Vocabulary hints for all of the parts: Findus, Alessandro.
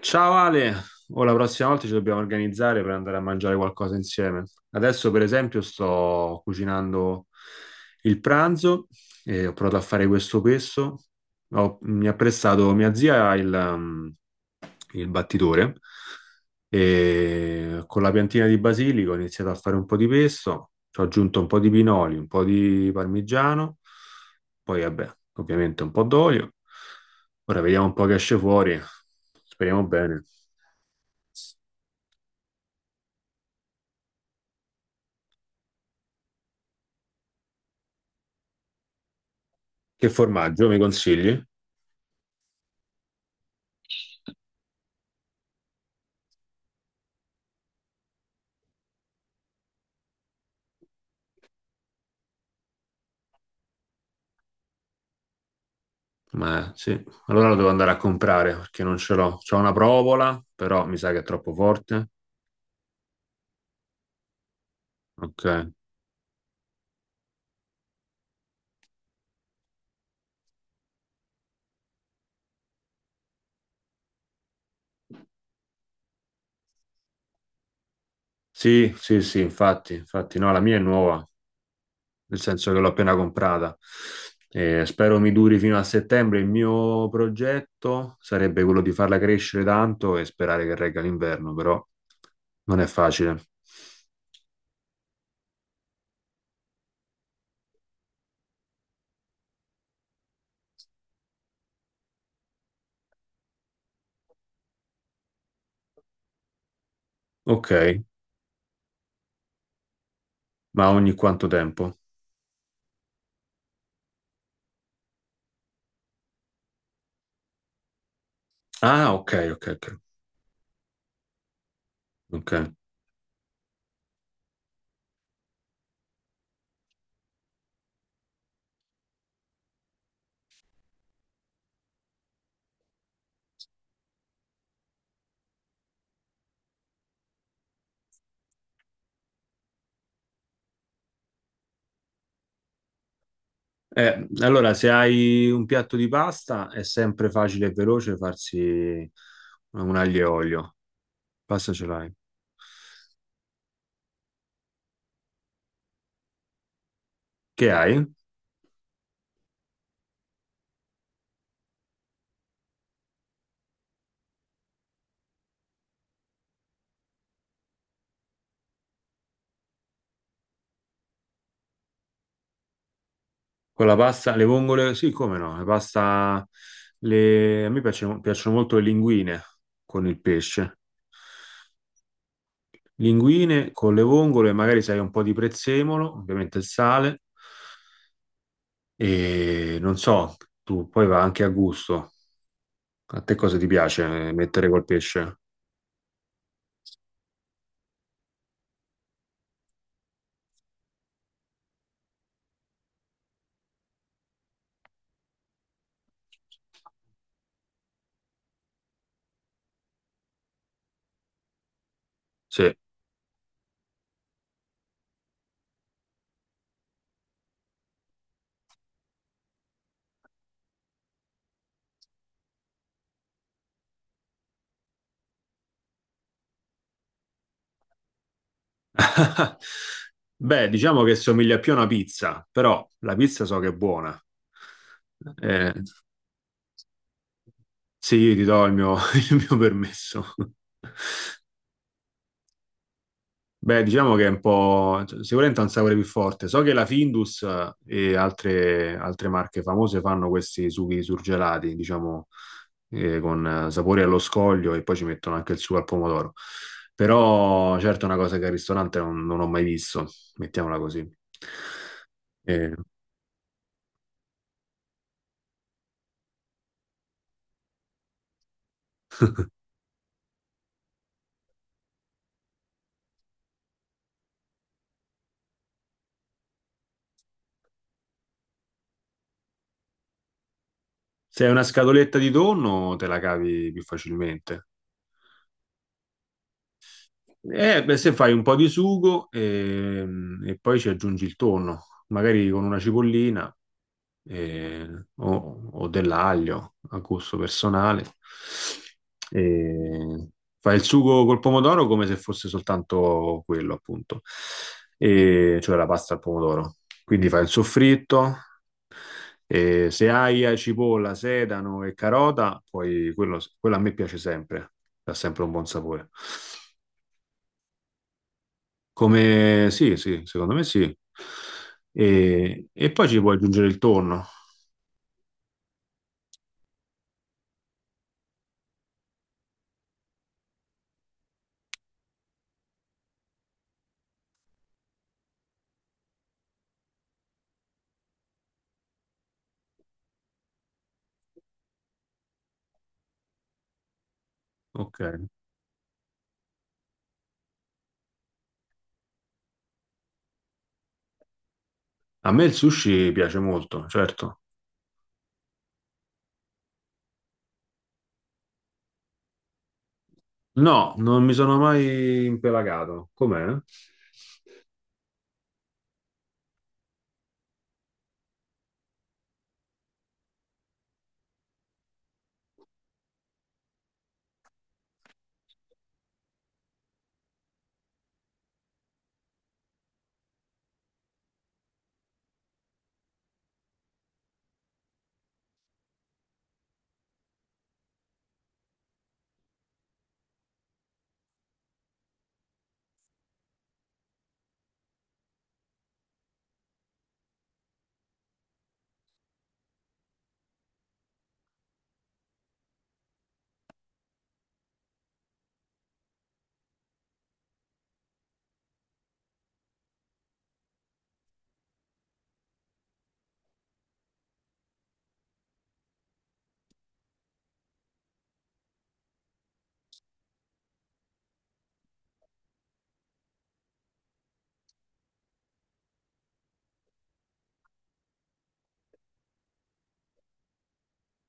Ciao Ale, o la prossima volta ci dobbiamo organizzare per andare a mangiare qualcosa insieme. Adesso, per esempio, sto cucinando il pranzo e ho provato a fare questo pesto. Mi ha prestato mia zia il battitore e con la piantina di basilico ho iniziato a fare un po' di pesto, ci ho aggiunto un po' di pinoli, un po' di parmigiano, poi vabbè, ovviamente un po' d'olio. Ora vediamo un po' che esce fuori, speriamo bene. Che formaggio mi consigli? Ma sì, allora lo devo andare a comprare perché non ce l'ho. C'ho una provola, però mi sa che è troppo forte. Ok. Sì, sì, sì, infatti, infatti no, la mia è nuova, nel senso che l'ho appena comprata. Spero mi duri fino a settembre. Il mio progetto sarebbe quello di farla crescere tanto e sperare che regga l'inverno, però non è facile. Ok, ma ogni quanto tempo? Ah, ok, ok, ok. Ok. Allora, se hai un piatto di pasta, è sempre facile e veloce farsi un aglio e olio. Pasta ce l'hai. Che hai? Con la pasta, le vongole, sì, come no, la pasta, a me piacciono, piacciono molto le linguine con il pesce. Linguine con le vongole, magari sai un po' di prezzemolo, ovviamente il sale, e non so, tu poi va anche a gusto. A te cosa ti piace mettere col pesce? Sì. Beh, diciamo che somiglia più a una pizza, però la pizza so che è buona. Eh, sì, io ti do il mio il mio permesso. Beh, diciamo che è un po', cioè, sicuramente ha un sapore più forte. So che la Findus e altre marche famose fanno questi sughi surgelati, diciamo, con sapori allo scoglio e poi ci mettono anche il sugo al pomodoro. Però, certo, è una cosa che al ristorante non ho mai visto, mettiamola così. Eh, se hai una scatoletta di tonno, te la cavi più facilmente. Beh, se fai un po' di sugo e poi ci aggiungi il tonno, magari con una cipollina eh, o dell'aglio a gusto personale. E fai il sugo col pomodoro come se fosse soltanto quello, appunto, e- cioè la pasta al pomodoro. Quindi fai il soffritto. E se hai cipolla, sedano e carota, poi quello a me piace sempre, dà sempre un buon sapore. Come sì, sì, secondo me sì. E poi ci puoi aggiungere il tonno. Ok. A me il sushi piace molto, certo. No, non mi sono mai impelagato. Com'è?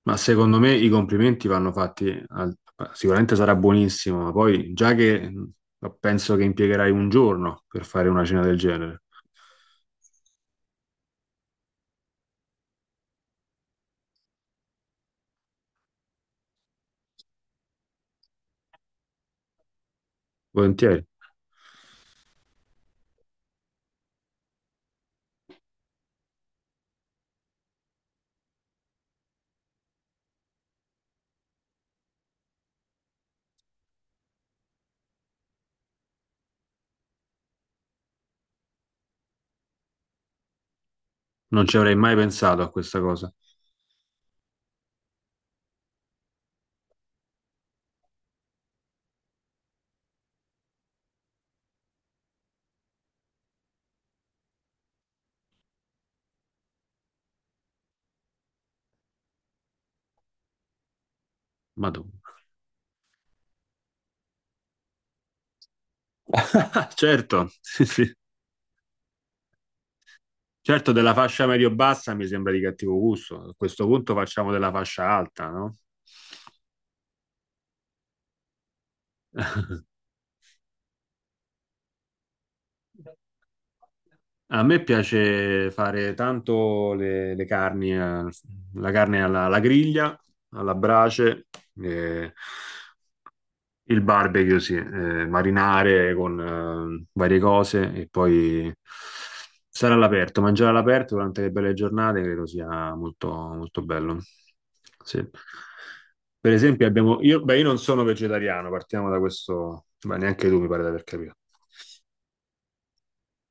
Ma secondo me i complimenti vanno fatti, al- sicuramente sarà buonissimo, ma poi già che penso che impiegherai un giorno per fare una cena del genere, volentieri. Non ci avrei mai pensato a questa cosa. Madonna. Certo, sì, sì. Certo, della fascia medio-bassa mi sembra di cattivo gusto. A questo punto facciamo della fascia alta, no? A me piace fare tanto le carni, la carne alla griglia, alla brace, eh, il barbecue, sì, marinare con varie cose e poi stare all'aperto, mangiare all'aperto durante le belle giornate credo sia molto, molto bello. Sì. Per esempio abbiamo, io, beh, io non sono vegetariano, partiamo da questo, beh, neanche tu mi pare di aver capito.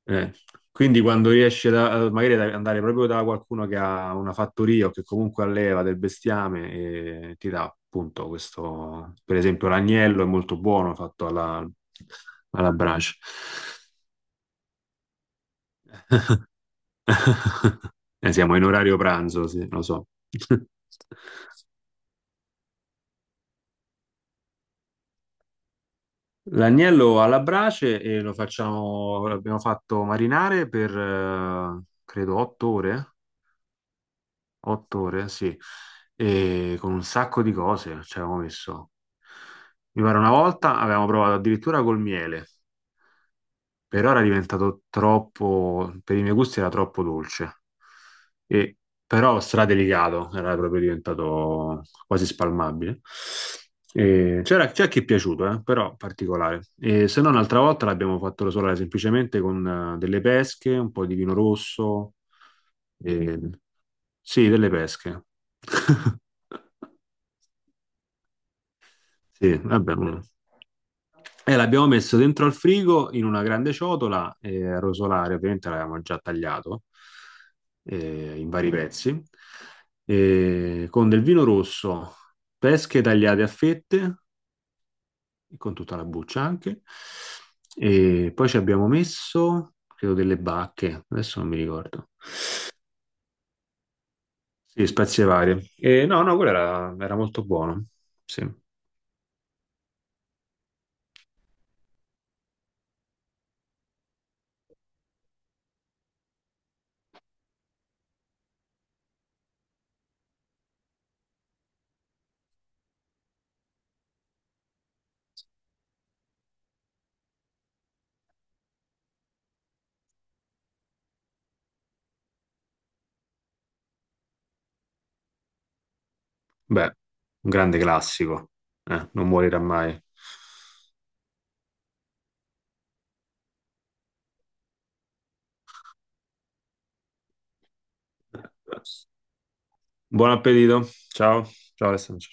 Eh, quindi quando riesce magari ad andare proprio da qualcuno che ha una fattoria o che comunque alleva del bestiame e ti dà appunto questo, per esempio l'agnello è molto buono fatto alla brace. Siamo in orario pranzo, sì, lo so. L'agnello alla brace e lo facciamo, l'abbiamo fatto marinare per credo 8 ore. 8 ore, sì, e con un sacco di cose ci avevamo messo. Mi pare una volta avevamo provato addirittura col miele. Per ora è diventato troppo, per i miei gusti era troppo dolce, e, però stradelicato, era proprio diventato quasi spalmabile. E c'è chi è piaciuto, però particolare. E se no, un'altra volta l'abbiamo fatto rosolare semplicemente con delle pesche, un po' di vino rosso, e- sì, delle pesche. Sì, vabbè, uno. E l'abbiamo messo dentro al frigo in una grande ciotola, a rosolare, ovviamente l'avevamo già tagliato in vari pezzi, con del vino rosso, pesche tagliate a fette, con tutta la buccia anche, e poi ci abbiamo messo, credo, delle bacche, adesso non mi ricordo. Sì, spezie varie. No, no, quello era molto buono. Sì. Beh, un grande classico, non morirà mai. Buon appetito. Ciao. Ciao Alessandro.